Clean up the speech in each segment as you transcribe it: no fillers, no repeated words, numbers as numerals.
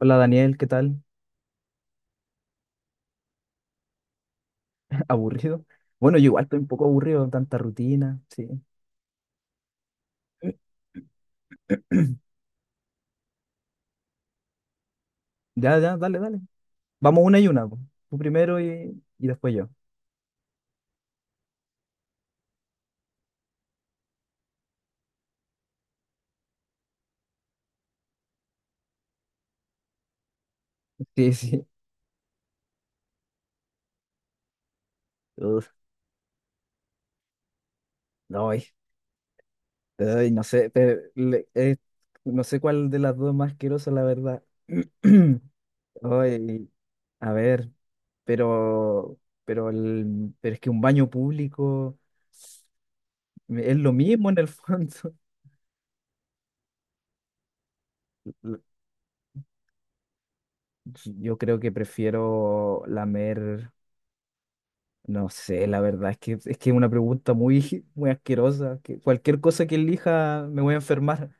Hola Daniel, ¿qué tal? ¿Aburrido? Bueno, yo igual estoy un poco aburrido, tanta rutina, sí. Ya, ya, dale, dale. Vamos una y una, po. Tú primero y después yo. Sí, sí. Uf, no, ay, ay, no sé, no sé cuál de las dos es más asquerosa, la verdad. Ay, a ver, pero, pero es que un baño público es lo mismo en el fondo. Yo creo que prefiero lamer. No sé, la verdad es que es una pregunta muy, muy asquerosa. Que cualquier cosa que elija me voy a enfermar.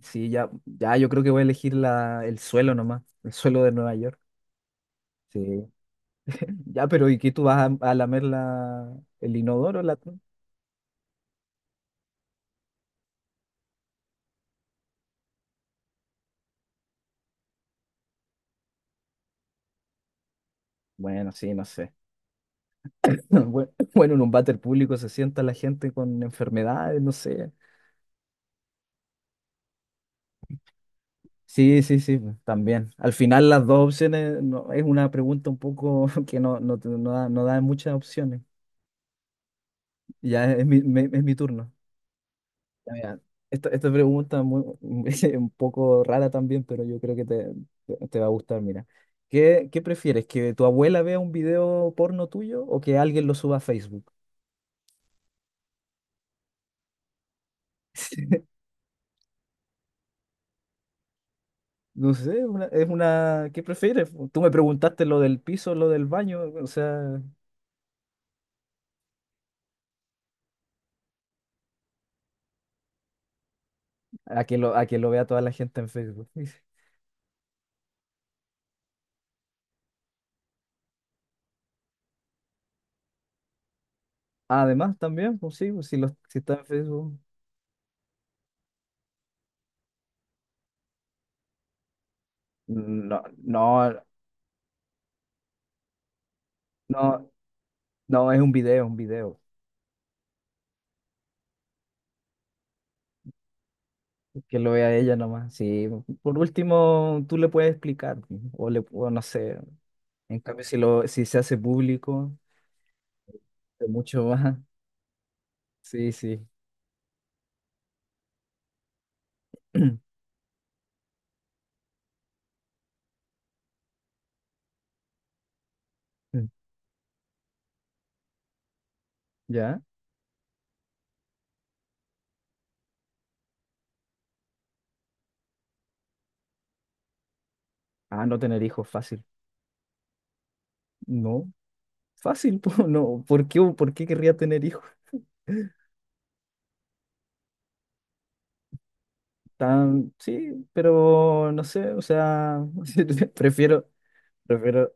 Sí, ya, ya, yo creo que voy a elegir el suelo nomás, el suelo de Nueva York. Sí. Ya, pero ¿y qué tú vas a lamer el inodoro? Bueno, sí, no sé. Bueno, bueno, en un váter público se sienta la gente con enfermedades, no sé. Sí, sí, sí, pues, también. Al final las dos opciones no, es una pregunta un poco que no, no, no da muchas opciones. Ya es mi turno. Ah, ya, mira, esta pregunta muy, es un poco rara también, pero yo creo que te va a gustar. Mira, ¿qué prefieres? ¿Que tu abuela vea un video porno tuyo o que alguien lo suba a Facebook? No sé, ¿qué prefieres? Tú me preguntaste lo del piso, lo del baño, o sea, a que lo vea toda la gente en Facebook. Además, también, pues sí, pues, si, si está en Facebook. No, no, no, no, es un video, es un video. Que lo vea ella nomás. Sí, por último, tú le puedes explicar, o le o no sé. En cambio, si se hace público, es mucho más. Sí, sí. ¿Ya? Ah, no tener hijos, fácil. No, fácil, po, no. ¿Por qué querría tener hijos? Sí, pero no sé, o sea, prefiero, prefiero.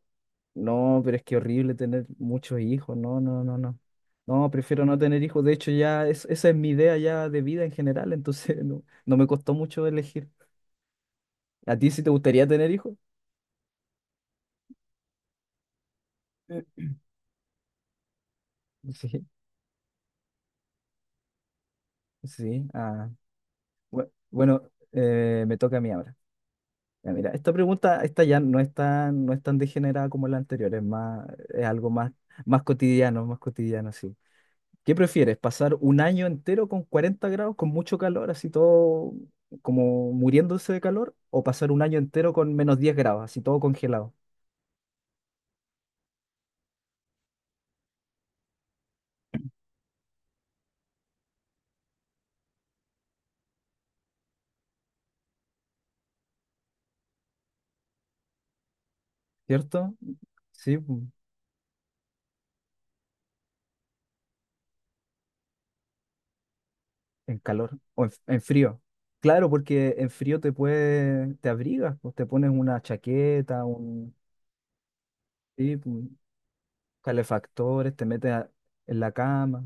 No, pero es que horrible tener muchos hijos. No, no, no, no. No, prefiero no tener hijos. De hecho, ya esa es mi idea ya de vida en general. Entonces, no me costó mucho elegir. ¿A ti sí te gustaría tener hijos? Eh, Sí, sí. Ah, bueno, me toca a mí ahora. Ya, mira, esta pregunta, esta ya no es tan degenerada como la anterior. Es más, es algo más, más cotidiano, sí. ¿Qué prefieres? ¿Pasar un año entero con 40 grados, con mucho calor, así todo como muriéndose de calor? ¿O pasar un año entero con -10 grados, así todo congelado? ¿Cierto? Sí, pu, en calor o en frío. Claro, porque en frío te abrigas, pues te pones una chaqueta, un sí, pu, calefactores, te metes en la cama.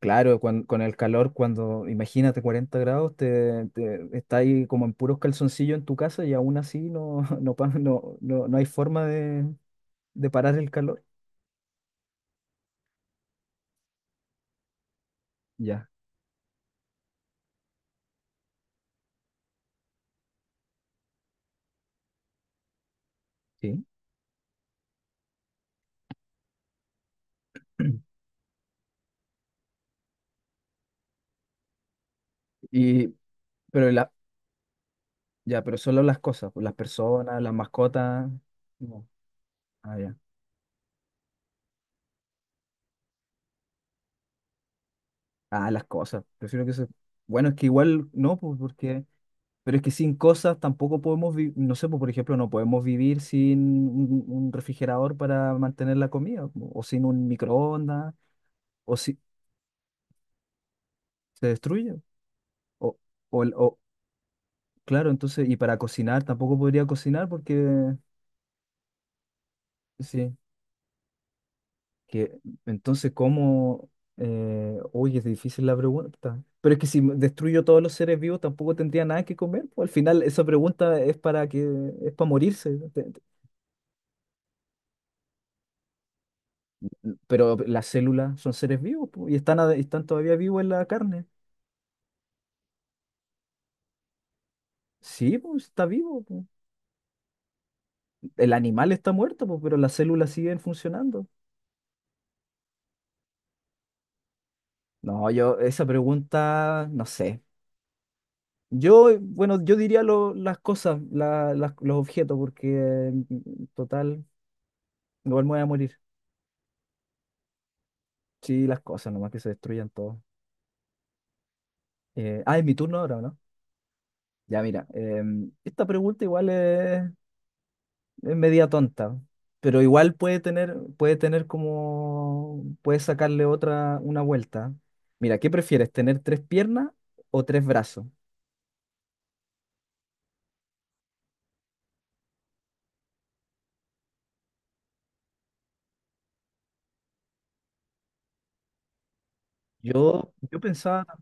Claro, con el calor, cuando imagínate 40 grados, está ahí como en puros calzoncillos en tu casa y aún así no, no, no, no, no hay forma de parar el calor. Ya, sí. Y, pero la, ya, pero solo las cosas, pues, las personas, las mascotas. No. Ah, ya. Ah, las cosas. Prefiero que se. Bueno, es que igual no, pues porque pero es que sin cosas tampoco podemos vivir, no sé, pues, por ejemplo, no podemos vivir sin un refrigerador para mantener la comida, o sin un microondas, o si se destruye. O, o, el- o- claro, entonces, y para cocinar tampoco podría cocinar porque, sí, que entonces, ¿cómo? Uy, es difícil la pregunta. Pero es que si destruyo todos los seres vivos tampoco tendría nada que comer, pues, al final, esa pregunta es para que, es para morirse. Pero las células son seres vivos, po, y están, están todavía vivos en la carne. Sí, pues está vivo, po. El animal está muerto, po, pero las células siguen funcionando. No, yo, esa pregunta, no sé. Yo, bueno, yo diría las cosas, los objetos, porque eh, total, igual me voy a morir. Sí, las cosas, nomás que se destruyan todo. Ah, es mi turno ahora, ¿o no? Ya, mira, esta pregunta igual Es. Media tonta, pero igual puede tener como, puede sacarle otra, una vuelta. Mira, ¿qué prefieres, tener tres piernas o tres brazos? Yo pensaba,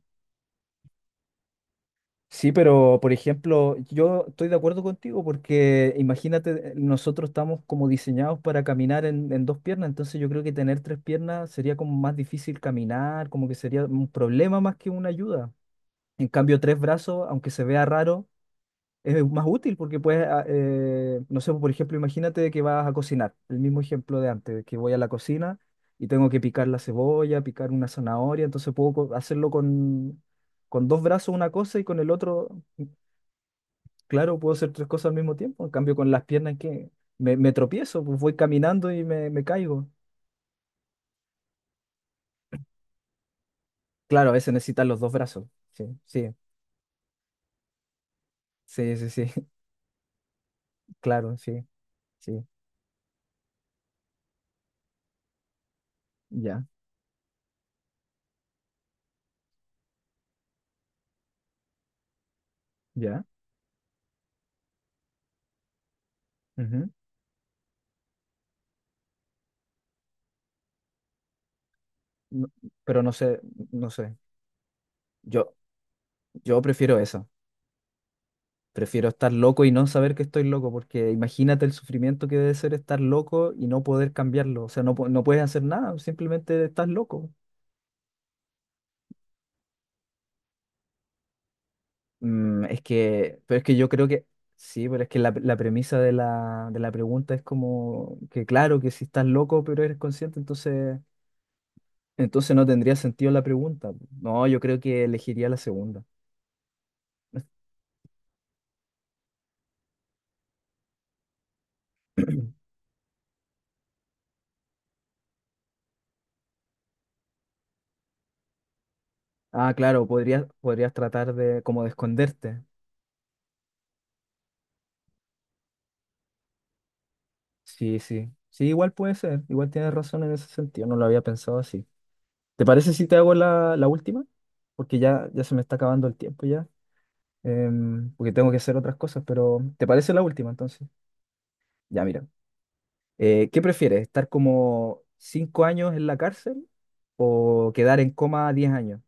sí, pero por ejemplo, yo estoy de acuerdo contigo porque imagínate, nosotros estamos como diseñados para caminar en dos piernas, entonces yo creo que tener tres piernas sería como más difícil caminar, como que sería un problema más que una ayuda. En cambio, tres brazos, aunque se vea raro, es más útil porque puedes, no sé, por ejemplo, imagínate que vas a cocinar, el mismo ejemplo de antes, que voy a la cocina y tengo que picar la cebolla, picar una zanahoria, entonces puedo hacerlo con dos brazos una cosa y con el otro, mm, claro, puedo hacer tres cosas al mismo tiempo, en cambio con las piernas que me tropiezo, pues voy caminando y me caigo. Claro, a veces necesitas los dos brazos, sí, sí, sí, sí, sí, claro, sí, sí, ya, ya. Ujú. No- pero no sé, no sé. Yo, Yo prefiero eso. Prefiero estar loco y no saber que estoy loco, porque imagínate el sufrimiento que debe ser estar loco y no poder cambiarlo. O sea, no, no puedes hacer nada, simplemente estás loco. Mm, pero es que yo creo que, sí, pero es que la premisa de la pregunta es como que claro, que si estás loco pero eres consciente, entonces, no tendría sentido la pregunta. No, yo creo que elegiría la segunda. Ah, claro, podrías tratar de como de esconderte, sí, sí. Sí, igual puede ser. Igual tienes razón en ese sentido. No lo había pensado así. ¿Te parece si te hago la última? Porque ya, ya se me está acabando el tiempo ya. Porque tengo que hacer otras cosas, pero ¿te parece la última entonces? Ya, mira. ¿Qué prefieres? ¿Estar como 5 años en la cárcel o quedar en coma 10 años?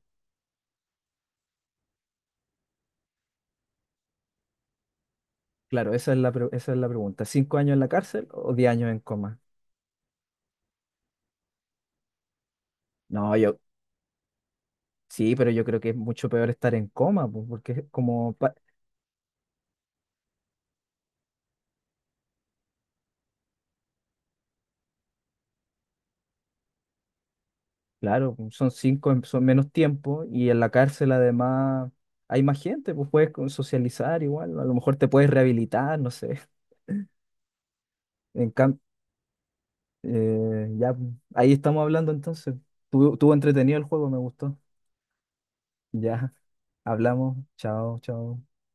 Claro, esa es la pregunta. ¿5 años en la cárcel o 10 años en coma? No, yo sí, pero yo creo que es mucho peor estar en coma, pues, porque es como, Claro, pues, son cinco, son menos tiempo y en la cárcel además hay más gente, pues puedes socializar igual, a lo mejor te puedes rehabilitar, no sé. En cambio, ya, pues, ahí estamos hablando entonces. Tuvo entretenido el juego, me gustó. Ya, hablamos, chao, chao.